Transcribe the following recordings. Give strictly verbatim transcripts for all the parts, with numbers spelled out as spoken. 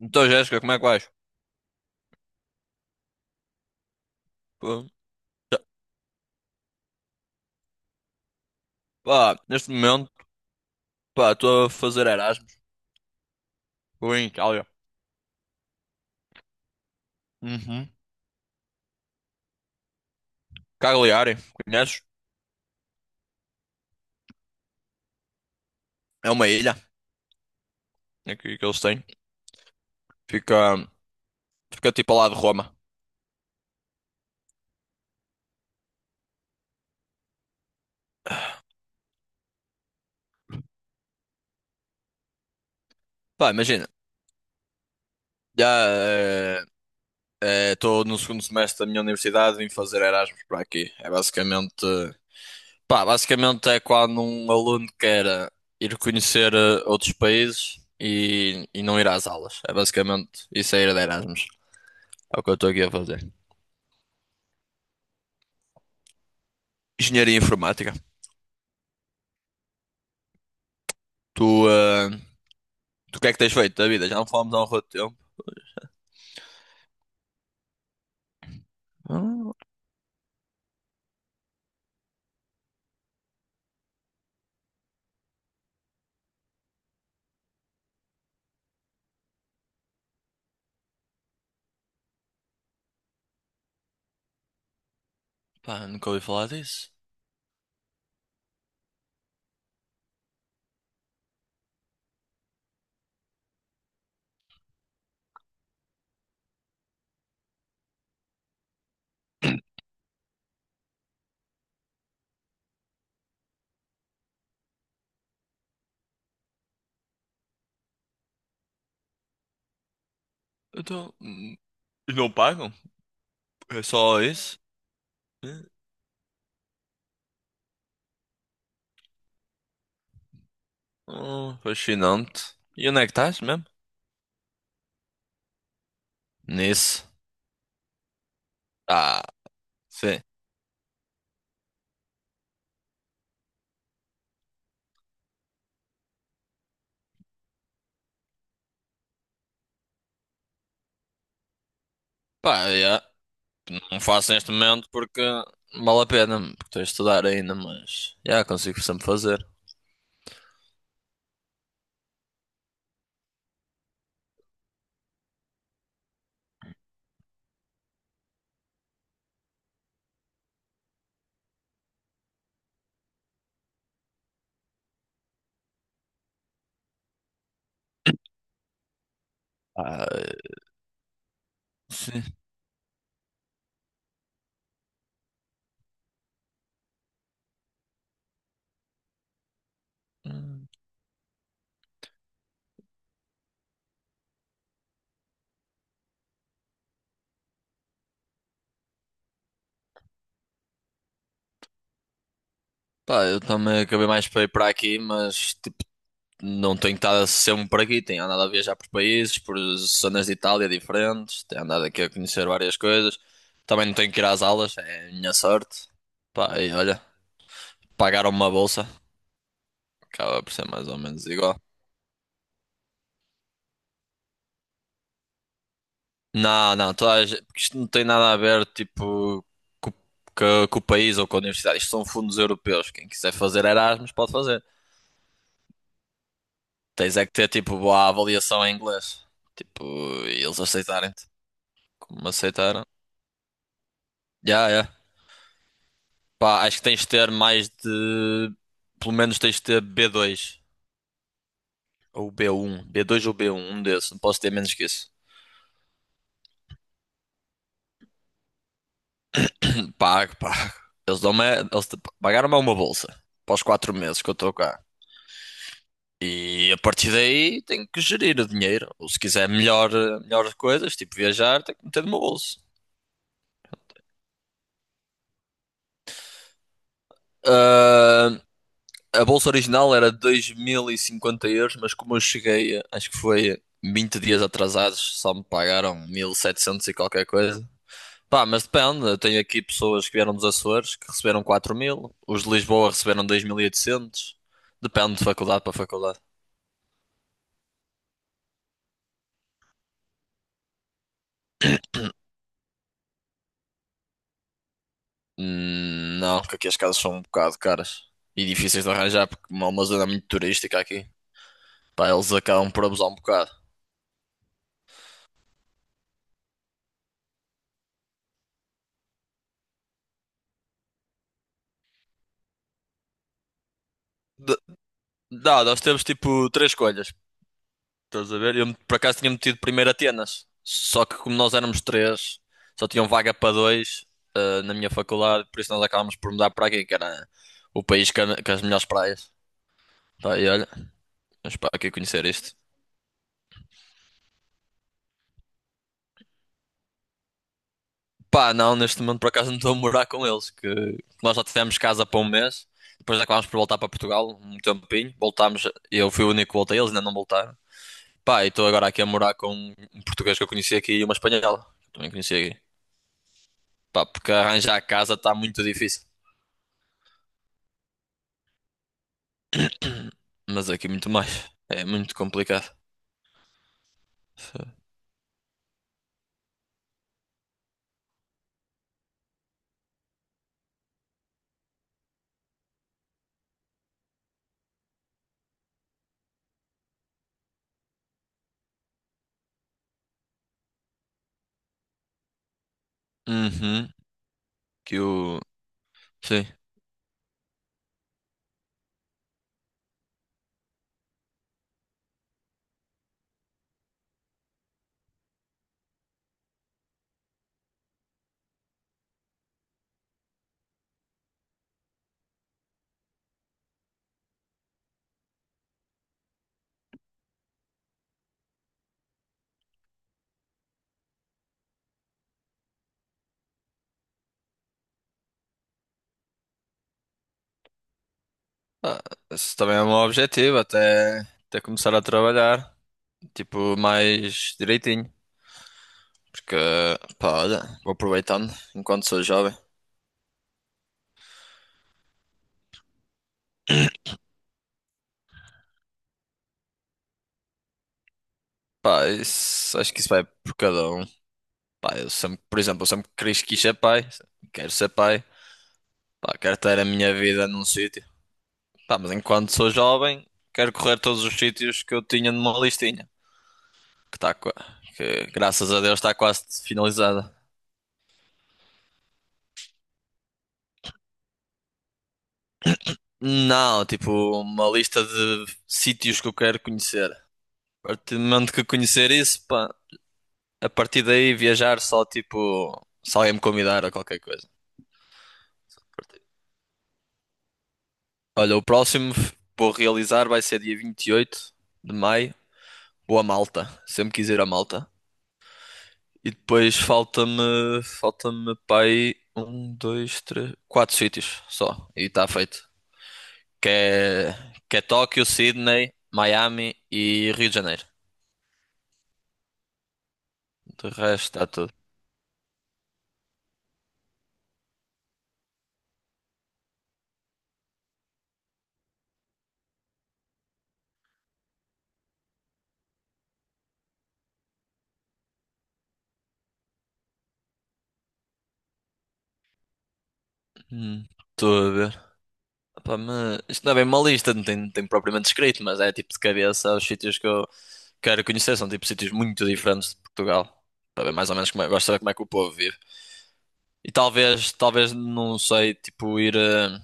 Então, Jéssica, como é que vais? Pô, já- pá, neste momento, pá, estou a fazer Erasmus. Estou em Itália. Uhum. Cagliari, conheces? É uma ilha aqui que eles têm. Fica, fica tipo ao lado de Roma. Pá, imagina. Já eh, eh, estou no segundo semestre da minha universidade vim fazer Erasmus para aqui. É basicamente. Pá, basicamente é quando um aluno quer eh, ir conhecer eh, outros países e, e não ir às aulas. É basicamente isso é ir de Erasmus. É o que eu estou aqui a fazer. Engenharia informática. Tu, ah, tu o que é que tens feito da vida? Já não falamos há um rato de tempo. Ah, pá, nunca ouvi falar disso. Então, hum, não pagam? É só isso? Hum, fascinante. E onde é que estás mesmo? Nisso. Ah, sim. Pá, yeah. Não faço neste momento porque não vale a pena, porque estou a estudar ainda, mas já consigo sempre fazer. Ah, sim. Hum. Pá, eu também acabei mais para ir para aqui, mas tipo, não tenho estado sempre aqui, tenho andado a viajar por países, por zonas de Itália diferentes, tenho andado aqui a conhecer várias coisas. Também não tenho que ir às aulas, é a minha sorte. Pá, e olha, pagaram uma bolsa, acaba por ser mais ou menos igual. Não, não, toda a gente, porque isto não tem nada a ver, tipo, co- co- com o país ou com a universidade. Isto são fundos europeus. Quem quiser fazer Erasmus pode fazer. Tens é que ter, tipo, boa avaliação em inglês. Tipo, e eles aceitarem-te, como me aceitaram. Já, já. Pá, acho que tens de ter mais de. Pelo menos tens de ter b dois ou b um b dois ou B um, um um desses. Não posso ter menos que isso. Pago, pago. Eles dão-me. Eles te- pagaram-me uma bolsa para os quatro meses que eu estou cá. E a partir daí tenho que gerir o dinheiro. Ou se quiser melhor, melhores coisas, tipo viajar, tenho que meter no meu bolso. Ah, a bolsa original era dois mil e cinquenta euros, mas como eu cheguei, acho que foi vinte dias atrasados, só me pagaram mil e setecentos e qualquer coisa. Pá, mas depende. Eu tenho aqui pessoas que vieram dos Açores que receberam quatro mil. Os de Lisboa receberam dois mil e oitocentos. Depende de faculdade para faculdade. Hum, não, porque aqui as casas são um bocado caras e difíceis de arranjar porque é uma zona muito turística aqui. Pá, eles acabam por abusar um bocado. De- Dá, nós temos tipo três escolhas. Estás a ver? Eu por acaso tinha metido primeiro Atenas. Só que como nós éramos três, só tinham vaga para dois, eh, na minha faculdade, por isso nós acabámos por mudar para aqui, que era o país que que as melhores praias. Pá, e olha, mas pá, que é conhecer isto. Pá, não, neste momento por acaso não estou a morar com eles, que que nós já tivemos casa para um mês, depois acabámos por voltar para Portugal um tempinho, voltámos, eu fui o único que voltei, eles ainda não voltaram. Pá, e estou agora aqui a morar com um um português que eu conheci aqui e uma espanhola, que eu também conheci aqui. Pá, porque arranjar casa está muito difícil, mas aqui muito mais, é muito complicado. Uhum, que o... sim. Ah, esse também é um objetivo, até, até começar a trabalhar. Tipo, mais direitinho. Porque, pá, olha, vou aproveitando enquanto sou jovem. Pá, isso- acho que isso vai por cada um. Pá, eu sempre, por exemplo, eu sempre quis, quis ser pai. Quero ser pai. Pá, quero ter a minha vida num sítio. Pá, mas enquanto sou jovem, quero correr todos os sítios que eu tinha numa listinha. Que tá, qua- que graças a Deus está quase finalizada. Não, tipo, uma lista de sítios que eu quero conhecer. A partir do momento que eu conhecer isso, pá. A partir daí viajar só tipo se alguém me convidar a qualquer coisa. Olha, o próximo f- vou realizar vai ser dia vinte e oito de maio. Vou a Malta. Sempre quis ir a Malta. E depois falta-me falta-me para aí um, dois, três, quatro sítios só. E está feito. Que é, que é Tóquio, Sydney, Miami e Rio de Janeiro. De resto está tudo. Hum. Estou a ver. Pá, mas isto não é bem uma lista, não tem, não tem propriamente escrito, mas é tipo de cabeça os sítios que eu quero conhecer, são tipo sítios muito diferentes de Portugal, para ver mais ou menos como é, gosto de saber como é que o povo vive. E talvez, talvez, não sei, tipo ir, eh,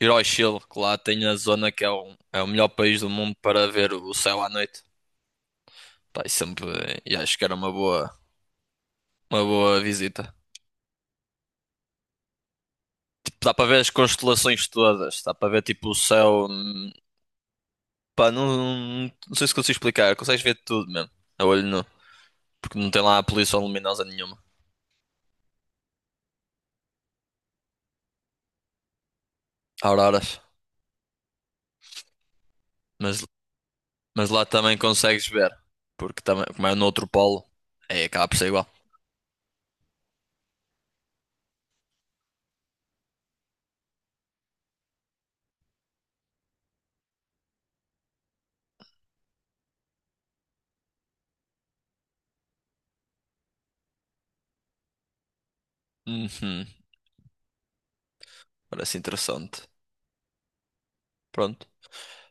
ir ao Chile, que lá tem a zona que é o, é o melhor país do mundo para ver o céu à noite. Pá, e sempre, e acho que era uma boa, uma boa visita. Tipo, dá para ver as constelações todas, dá para ver tipo o céu, hum, pá, não, não sei se consigo explicar, consegues ver tudo mesmo. A olho nu, porque não tem lá a poluição luminosa nenhuma. Auroras. Mas, mas lá também consegues ver. Porque também, como é no outro polo, aí acaba por ser igual. Uhum, parece interessante. Pronto.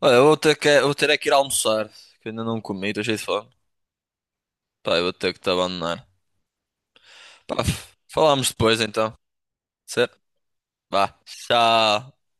Olha, eu vou ter que, vou ter é que ir almoçar, que eu ainda não comi, estou cheio de fome. Pá, eu vou ter que te abandonar. Pá, f- falamos depois então. Certo? Vá. Tchau.